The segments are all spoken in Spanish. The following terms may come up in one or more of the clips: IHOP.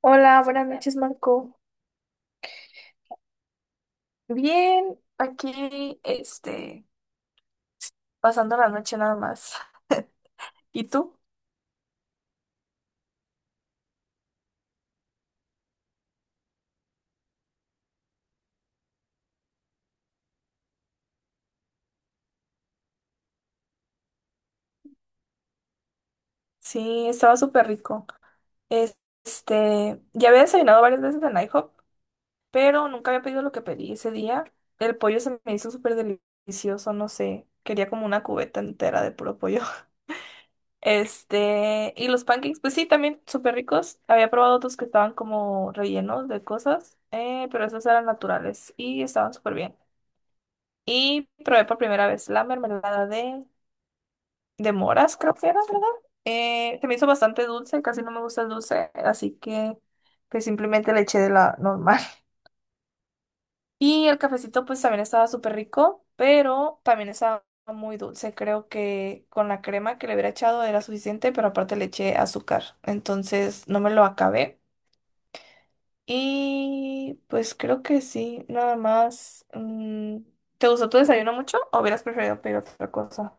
Hola, buenas noches, Marco. Bien, aquí, pasando la noche nada más. ¿Y tú? Sí, estaba súper rico. Es- ya había desayunado varias veces en IHOP, pero nunca había pedido lo que pedí ese día. El pollo se me hizo súper delicioso, no sé. Quería como una cubeta entera de puro pollo. Y los pancakes, pues sí, también súper ricos. Había probado otros que estaban como rellenos de cosas, pero esos eran naturales y estaban súper bien. Y probé por primera vez la mermelada de moras, creo que era, ¿verdad? Se me hizo bastante dulce, casi no me gusta el dulce, así que pues simplemente le eché de la normal. Y el cafecito pues también estaba súper rico, pero también estaba muy dulce. Creo que con la crema que le hubiera echado era suficiente, pero aparte le eché azúcar, entonces no me lo acabé. Y pues creo que sí, nada más. ¿Te gustó tu desayuno mucho o hubieras preferido pedir otra cosa?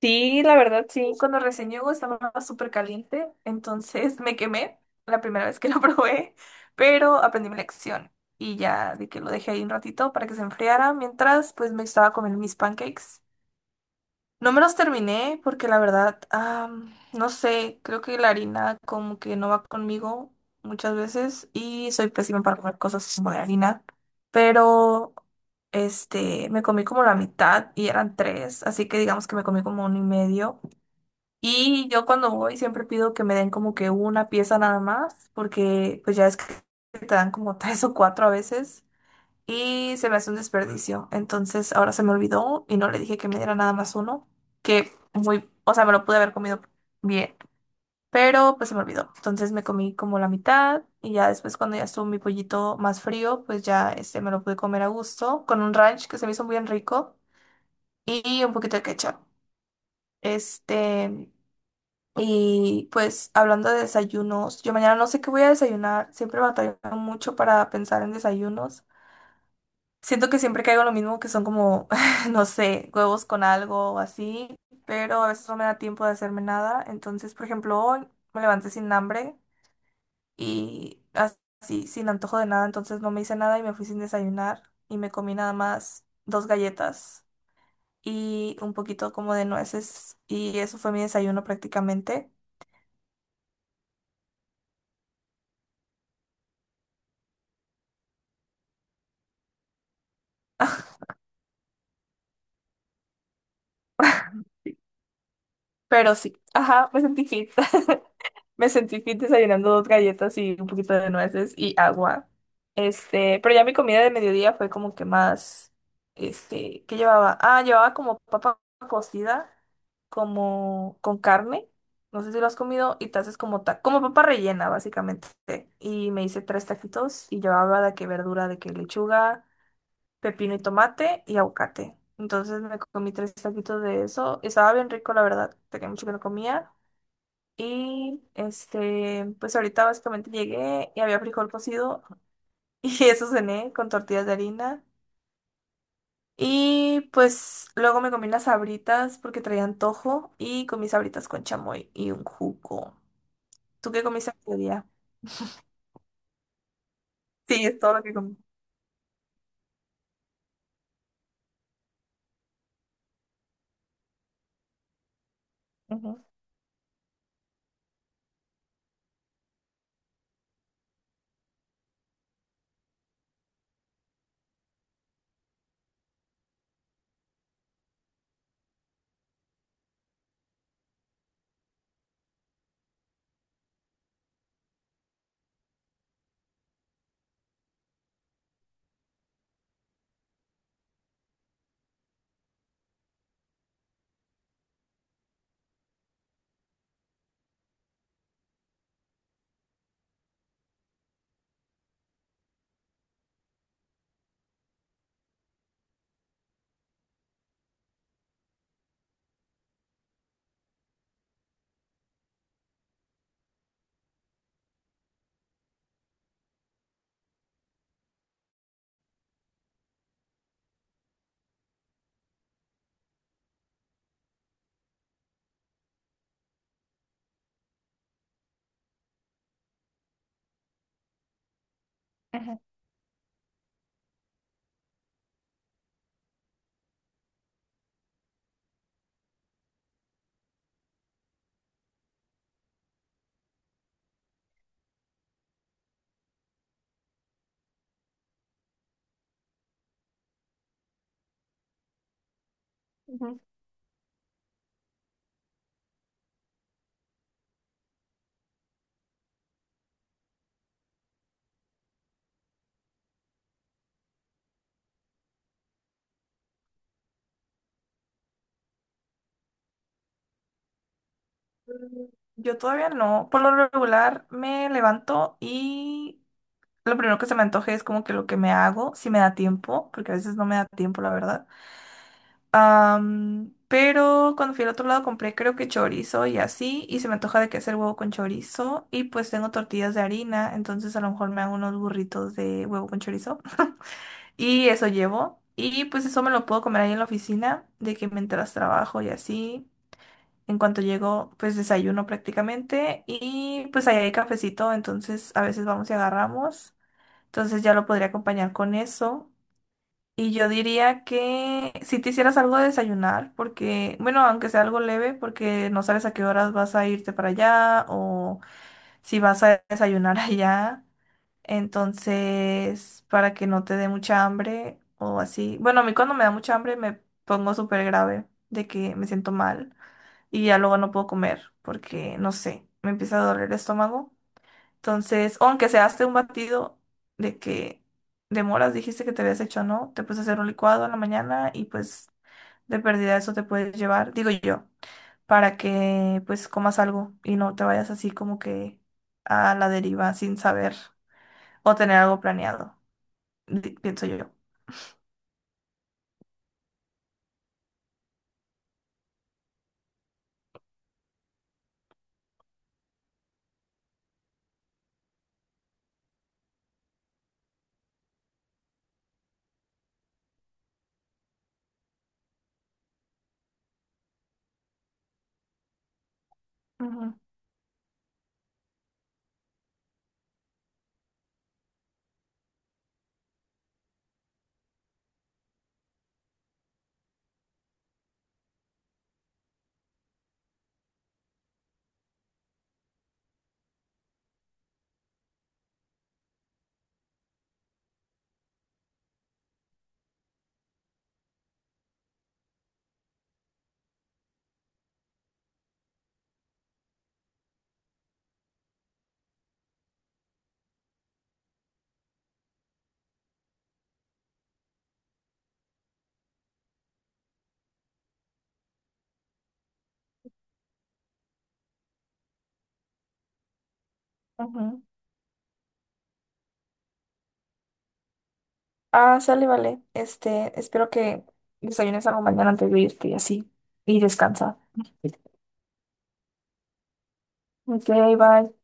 Sí, la verdad, sí. Cuando recién llegó estaba súper caliente, entonces me quemé la primera vez que lo probé, pero aprendí mi lección y ya de que lo dejé ahí un ratito para que se enfriara mientras pues me estaba comiendo mis pancakes. No me los terminé porque la verdad, no sé, creo que la harina como que no va conmigo muchas veces y soy pésima para comer cosas como de harina, pero me comí como la mitad y eran tres, así que digamos que me comí como uno y medio. Y yo cuando voy siempre pido que me den como que una pieza nada más, porque pues ya es que te dan como tres o cuatro a veces y se me hace un desperdicio. Entonces ahora se me olvidó y no le dije que me diera nada más uno, que muy, o sea, me lo pude haber comido bien, pero pues se me olvidó. Entonces me comí como la mitad y ya después cuando ya estuvo mi pollito más frío, pues ya me lo pude comer a gusto con un ranch que se me hizo muy bien rico y un poquito de ketchup. Este, y pues hablando de desayunos, yo mañana no sé qué voy a desayunar, siempre batallo mucho para pensar en desayunos. Siento que siempre caigo en lo mismo, que son como, no sé, huevos con algo o así, pero a veces no me da tiempo de hacerme nada. Entonces, por ejemplo, hoy me levanté sin hambre y así, sin antojo de nada, entonces no me hice nada y me fui sin desayunar y me comí nada más dos galletas y un poquito como de nueces y eso fue mi desayuno prácticamente. Pero sí, ajá, me sentí fit. Me sentí fit desayunando dos galletas y un poquito de nueces y agua. Pero ya mi comida de mediodía fue como que más, ¿qué llevaba? Ah, llevaba como papa cocida, como con carne. No sé si lo has comido y te haces como como papa rellena, básicamente. Y me hice tres taquitos y llevaba de que verdura, de que lechuga, pepino y tomate y aguacate. Entonces me comí tres taquitos de eso. Estaba bien rico, la verdad. Tenía mucho que no comía. Y pues ahorita básicamente llegué y había frijol cocido y eso cené con tortillas de harina. Y pues luego me comí las sabritas porque traía antojo y comí sabritas con chamoy y un jugo. ¿Tú qué comiste ese día? Sí, es todo lo que comí. Ujú, ajá, ujú. Mm, yo todavía no. Por lo regular me levanto y lo primero que se me antoje es como que lo que me hago, si me da tiempo, porque a veces no me da tiempo, la verdad. Pero cuando fui al otro lado compré creo que chorizo y así, y se me antoja de que hacer huevo con chorizo, y pues tengo tortillas de harina, entonces a lo mejor me hago unos burritos de huevo con chorizo, y eso llevo, y pues eso me lo puedo comer ahí en la oficina, de que mientras trabajo y así, en cuanto llego pues desayuno prácticamente, y pues ahí hay cafecito, entonces a veces vamos y agarramos, entonces ya lo podría acompañar con eso. Y yo diría que si te hicieras algo de desayunar, porque, bueno, aunque sea algo leve, porque no sabes a qué horas vas a irte para allá o si vas a desayunar allá. Entonces, para que no te dé mucha hambre o así. Bueno, a mí cuando me da mucha hambre me pongo súper grave de que me siento mal y ya luego no puedo comer porque, no sé, me empieza a doler el estómago. Entonces, o aunque se hace un batido de que de moras dijiste que te habías hecho, ¿no? Te puedes hacer un licuado en la mañana y pues de pérdida eso te puedes llevar, digo yo, para que pues comas algo y no te vayas así como que a la deriva sin saber o tener algo planeado pienso yo. Ujú, ujú. Ah, sale, vale. Espero que desayunes algo mañana antes de irte y así. Y descansa. Ok, bye.